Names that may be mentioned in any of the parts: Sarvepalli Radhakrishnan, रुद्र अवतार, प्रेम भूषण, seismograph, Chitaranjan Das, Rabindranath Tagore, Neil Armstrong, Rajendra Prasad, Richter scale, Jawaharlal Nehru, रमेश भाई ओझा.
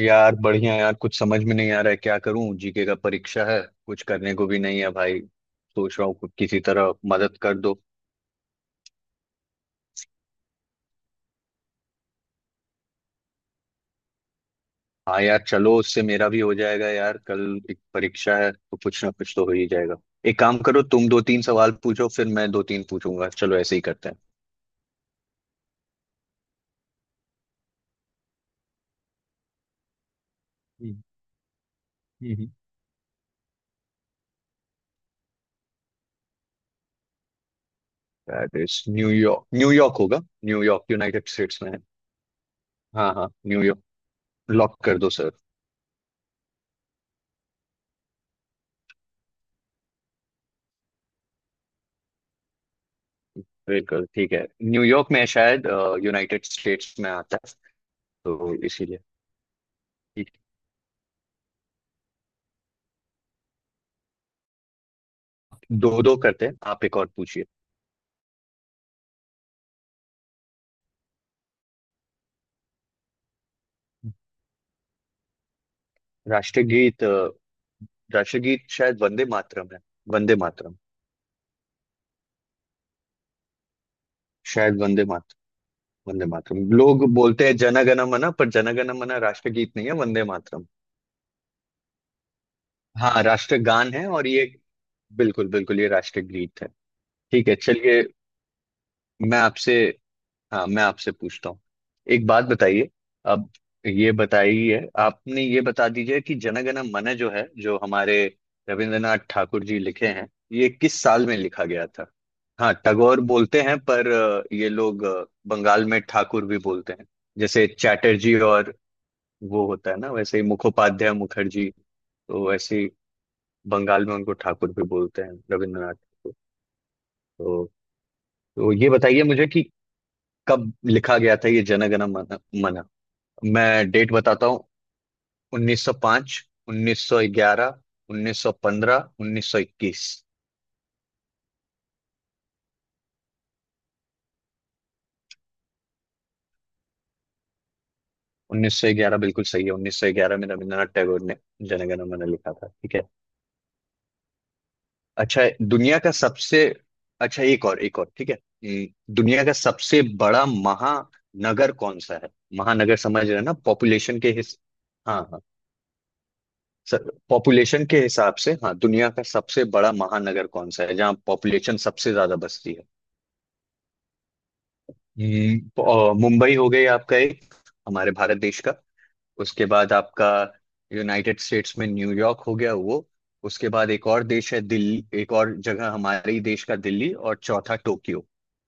यार बढ़िया यार, कुछ समझ में नहीं आ रहा है। क्या करूं, जीके का परीक्षा है। कुछ करने को भी नहीं है भाई। सोच रहा हूँ किसी तरह मदद कर दो। हाँ यार, चलो उससे मेरा भी हो जाएगा यार। कल एक परीक्षा है तो कुछ ना कुछ तो हो ही जाएगा। एक काम करो, तुम दो तीन सवाल पूछो फिर मैं दो तीन पूछूंगा। चलो ऐसे ही करते हैं। हम्म। हम्म। दैट इज न्यूयॉर्क, न्यूयॉर्क होगा। न्यूयॉर्क यूनाइटेड स्टेट्स में है। हाँ हाँ, न्यूयॉर्क। लॉक कर दो सर। बिल्कुल ठीक है। न्यूयॉर्क में शायद यूनाइटेड स्टेट्स में आता है, तो इसीलिए। दो दो करते हैं, आप एक और पूछिए। राष्ट्रगीत राष्ट्रगीत शायद वंदे मातरम है। वंदे मातरम। शायद वंदे मातरम। वंदे मातरम लोग बोलते हैं, जन गण मन। पर जन गण मन राष्ट्रगीत नहीं है, वंदे मातरम। हाँ, राष्ट्रगान है और ये बिल्कुल बिल्कुल ये राष्ट्रगीत है। ठीक है, चलिए। मैं आपसे हाँ, मैं आपसे पूछता हूँ। एक बात बताइए। अब ये बताइए आपने ये बता दीजिए कि जनगण मन जो है, जो हमारे रविंद्रनाथ ठाकुर जी लिखे हैं, ये किस साल में लिखा गया था। हाँ, टगोर बोलते हैं पर ये लोग बंगाल में ठाकुर भी बोलते हैं। जैसे चैटर्जी और वो होता है ना, वैसे ही मुखोपाध्याय मुखर्जी। तो वैसे ही बंगाल में उनको ठाकुर भी बोलते हैं, रविंद्रनाथ ठाकुर। तो, तो ये बताइए मुझे कि कब लिखा गया था ये जनगण मन। मैं डेट बताता हूँ। 1905, 1911, 1915, 1921। 1911 बिल्कुल सही है। 1911 में रविंद्रनाथ टैगोर ने जनगण मन लिखा था, ठीक है। अच्छा, दुनिया का सबसे अच्छा एक और एक और, ठीक है। दुनिया का सबसे बड़ा महानगर कौन सा है? महानगर समझ रहे हैं ना, पॉपुलेशन के हिस हाँ हाँ सर, पॉपुलेशन के हिसाब से, हाँ। दुनिया का सबसे बड़ा महानगर कौन सा है, जहाँ पॉपुलेशन सबसे ज्यादा बसती है। मुंबई हो गई आपका एक, हमारे भारत देश का। उसके बाद आपका यूनाइटेड स्टेट्स में न्यूयॉर्क हो गया वो। उसके बाद एक और देश है दिल्ली, एक और जगह हमारे ही देश का दिल्ली। और चौथा टोक्यो।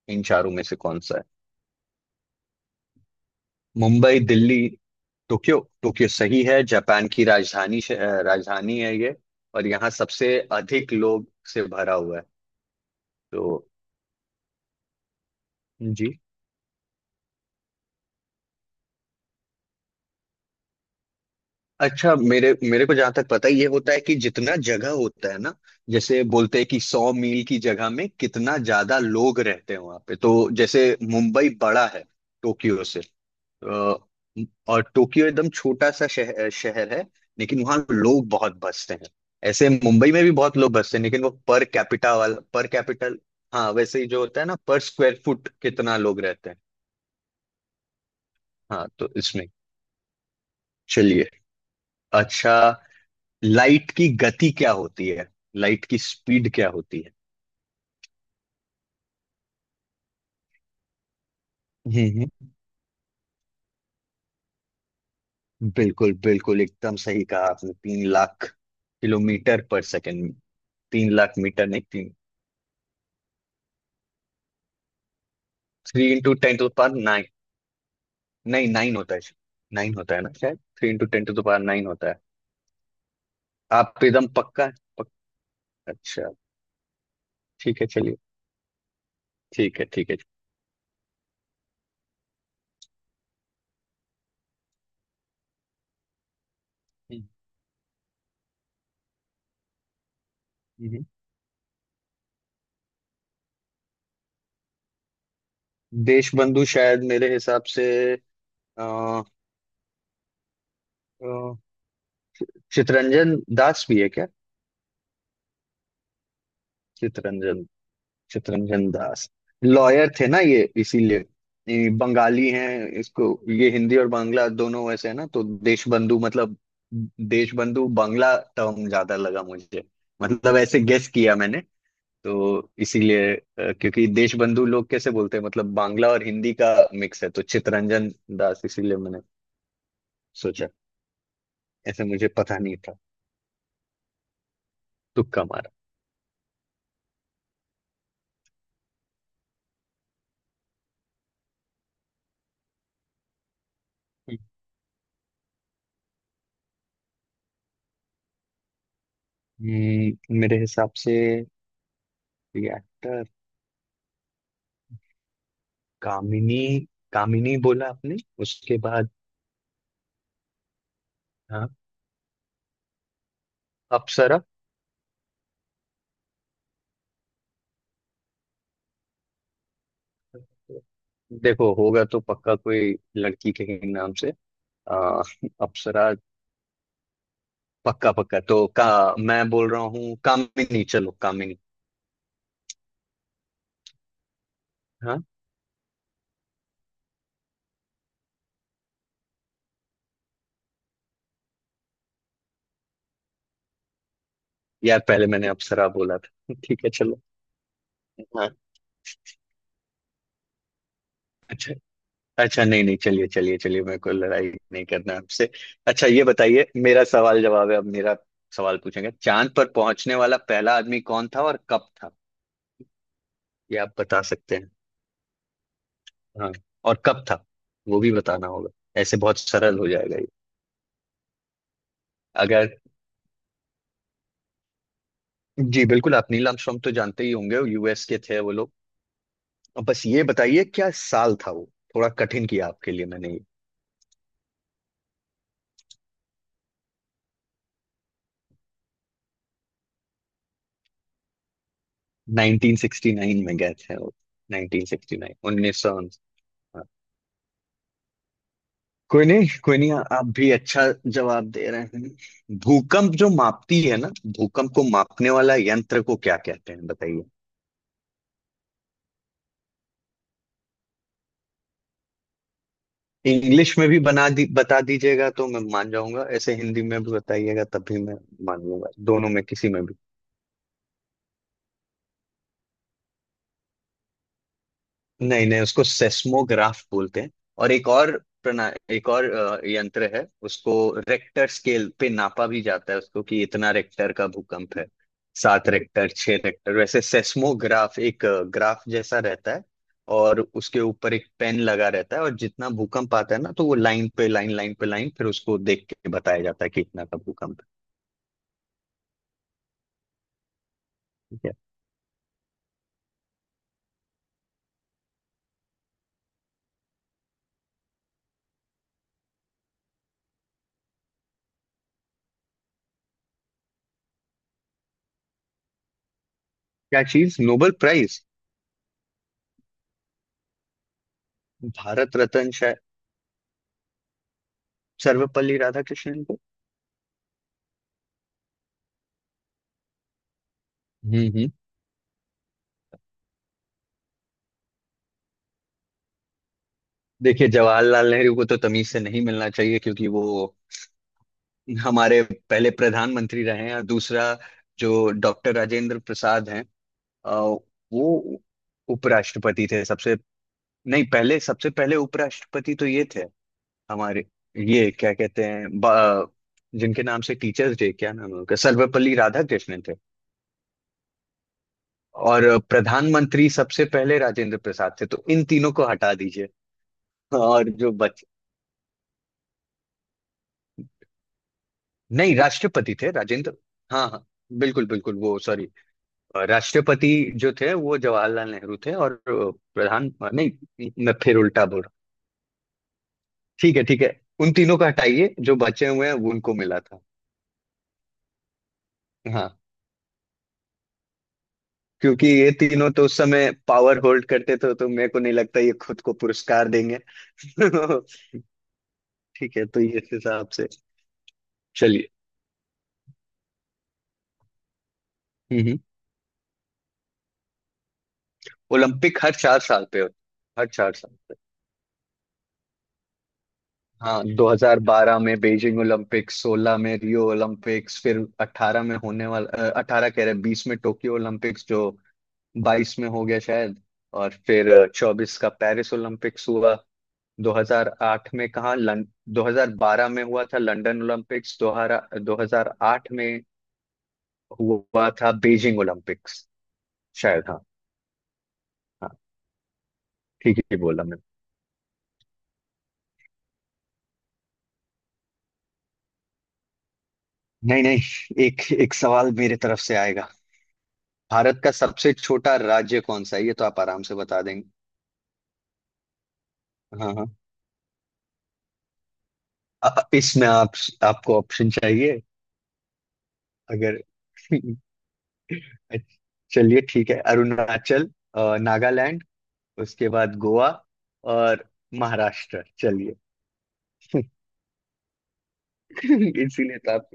इन चारों में से कौन सा है? मुंबई, दिल्ली, टोक्यो। टोक्यो सही है। जापान की राजधानी राजधानी है ये। और यहाँ सबसे अधिक लोग से भरा हुआ है, तो। जी। अच्छा, मेरे मेरे को जहां तक पता है, ये होता है कि जितना जगह होता है ना, जैसे बोलते हैं कि 100 मील की जगह में कितना ज्यादा लोग रहते हैं वहां पे, तो। जैसे मुंबई बड़ा है टोक्यो से। अ, और टोक्यो एकदम छोटा सा शहर शहर है। लेकिन वहाँ लोग बहुत बसते हैं। ऐसे मुंबई में भी बहुत लोग बसते हैं, लेकिन वो पर कैपिटा वाला पर कैपिटल। हाँ, वैसे ही जो होता है ना, पर स्क्वायर फुट कितना लोग रहते हैं। हाँ तो इसमें, चलिए, अच्छा। लाइट की गति क्या होती है? लाइट की स्पीड क्या होती है? हम्म। हम्म। बिल्कुल बिल्कुल एकदम सही कहा आपने, 3 lakh kilometre per second. 3 lakh metre नहीं, तीन। Three into ten to power nine. नहीं, नाइन होता है। नाइन होता है ना शायद, three into ten to power nine होता है। आप एकदम पक्का है? पक्का। अच्छा। ठीक है चलिए। ठीक है ठीक है। हम्म। हम्म। देशबंधु शायद मेरे हिसाब से, अ, अ, चितरंजन दास भी है क्या? चितरंजन चित्तरंजन दास लॉयर थे ना, ये इसीलिए। ये बंगाली हैं। इसको ये हिंदी और बांग्ला दोनों वैसे है ना, तो देशबंधु मतलब देशबंधु बांग्ला टर्म ज्यादा लगा मुझे, मतलब ऐसे गेस किया मैंने। तो इसीलिए क्योंकि देशबंधु लोग कैसे बोलते हैं, मतलब बांग्ला और हिंदी का मिक्स है, तो चित्तरंजन दास, इसीलिए मैंने सोचा। ऐसे मुझे पता नहीं था। तुक्का मारा। मेरे हिसाब से एक्टर कामिनी। कामिनी बोला आपने, उसके बाद? हाँ, अप्सरा। देखो होगा तो पक्का कोई लड़की के ही नाम से। आ, अप्सरा पक्का पक्का। तो का, मैं बोल रहा हूँ कामिनी, चलो कामिनी। हाँ, यार पहले मैंने अप्सरा बोला था ठीक है चलो। हाँ। अच्छा। अच्छा नहीं नहीं, चलिए चलिए चलिए, मेरे को लड़ाई नहीं करना आपसे। अच्छा, ये बताइए, मेरा सवाल जवाब है। अब मेरा सवाल पूछेंगे। चांद पर पहुंचने वाला पहला आदमी कौन था और कब था? ये आप बता सकते हैं, हाँ, और कब था वो भी बताना होगा, ऐसे बहुत सरल हो जाएगा ये। अगर, जी बिल्कुल, आप नील आर्मस्ट्रॉन्ग तो जानते ही होंगे, यूएस के थे वो लोग। अब बस ये बताइए क्या साल था वो। थोड़ा कठिन किया आपके लिए मैंने ये। 1969 में गए थे वो, 1969, उन्नीस सौ। हाँ। कोई नहीं कोई नहीं। आप भी अच्छा जवाब दे रहे हैं। भूकंप जो मापती है ना, भूकंप को मापने वाला यंत्र को क्या कहते हैं, बताइए। इंग्लिश में भी बना दी बता दीजिएगा तो मैं मान जाऊंगा, ऐसे हिंदी में भी बताइएगा तब भी मैं मान लूंगा, दोनों में किसी में भी। नहीं नहीं, उसको सेस्मोग्राफ बोलते हैं। और एक और प्रणा एक और यंत्र है, उसको रेक्टर स्केल पे नापा भी जाता है, उसको कि इतना रेक्टर का भूकंप है। 7 रेक्टर, 6 रेक्टर। वैसे सेस्मोग्राफ एक ग्राफ जैसा रहता है, और उसके ऊपर एक पेन लगा रहता है, और जितना भूकंप आता है ना तो वो लाइन पे लाइन, लाइन पे लाइन, फिर उसको देख के बताया जाता है कि इतना का भूकंप है। क्या चीज, नोबेल प्राइज? भारत रत्न शायद सर्वपल्ली राधाकृष्णन को। हम्म। देखिए, जवाहरलाल नेहरू को तो तमीज से नहीं मिलना चाहिए, क्योंकि वो हमारे पहले प्रधानमंत्री रहे हैं। और दूसरा, जो डॉक्टर राजेंद्र प्रसाद हैं, अ, वो उपराष्ट्रपति थे सबसे, नहीं पहले। सबसे पहले उपराष्ट्रपति तो ये थे हमारे, ये क्या कहते हैं, जिनके नाम से टीचर्स डे, क्या नाम है उनका, सर्वपल्ली राधाकृष्णन थे। और प्रधानमंत्री सबसे पहले राजेंद्र प्रसाद थे, तो इन तीनों को हटा दीजिए और जो बच, नहीं, राष्ट्रपति थे राजेंद्र, हाँ हाँ, बिल्कुल बिल्कुल, वो सॉरी, राष्ट्रपति जो थे वो जवाहरलाल नेहरू थे और प्रधान, नहीं, मैं फिर उल्टा बोल रहा हूँ। ठीक है ठीक है। उन तीनों को हटाइए, जो बचे हुए हैं वो उनको मिला था। हाँ, क्योंकि ये तीनों तो उस समय पावर होल्ड करते थे, तो मेरे को नहीं लगता ये खुद को पुरस्कार देंगे। ठीक है, तो ये इस हिसाब से, चलिए। हम्म। हम्म। ओलंपिक हर 4 साल पे होते हैं, हर 4 साल पे। हाँ, 2012 में बीजिंग ओलंपिक, 16 में रियो ओलंपिक्स, फिर 18 में होने वाला, 18 कह रहे, 20 में टोक्यो ओलंपिक्स जो 22 में हो गया शायद, और फिर 24 का पेरिस ओलंपिक्स हुआ। 2008 में कहाँ लं 2012 में हुआ था लंदन ओलंपिक्स, 2008 में हुआ था बीजिंग ओलंपिक्स, शायद। हाँ हाँ, ठीक ही बोला मैं। नहीं नहीं, एक एक सवाल मेरे तरफ से आएगा। भारत का सबसे छोटा राज्य कौन सा है, ये तो आप आराम से बता देंगे। हाँ हाँ। इसमें आप आपको ऑप्शन चाहिए? अगर चलिए ठीक है, अरुणाचल, नागालैंड, उसके बाद गोवा, और महाराष्ट्र, चलिए। इसीलिए तो आप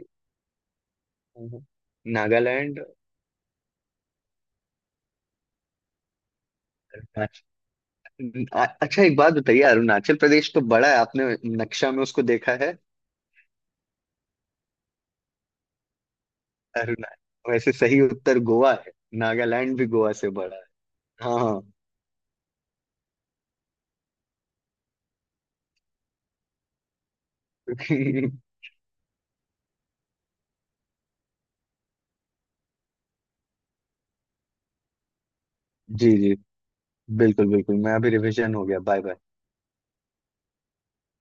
नागालैंड, अरुणाचल, अच्छा एक बात बताइए, अरुणाचल प्रदेश तो बड़ा है, आपने नक्शा में उसको देखा है? अरुणाचल, वैसे सही उत्तर गोवा है, नागालैंड भी गोवा से बड़ा है। हाँ हाँ। जी जी, बिल्कुल बिल्कुल, मैं अभी रिवीजन हो गया, बाय बाय।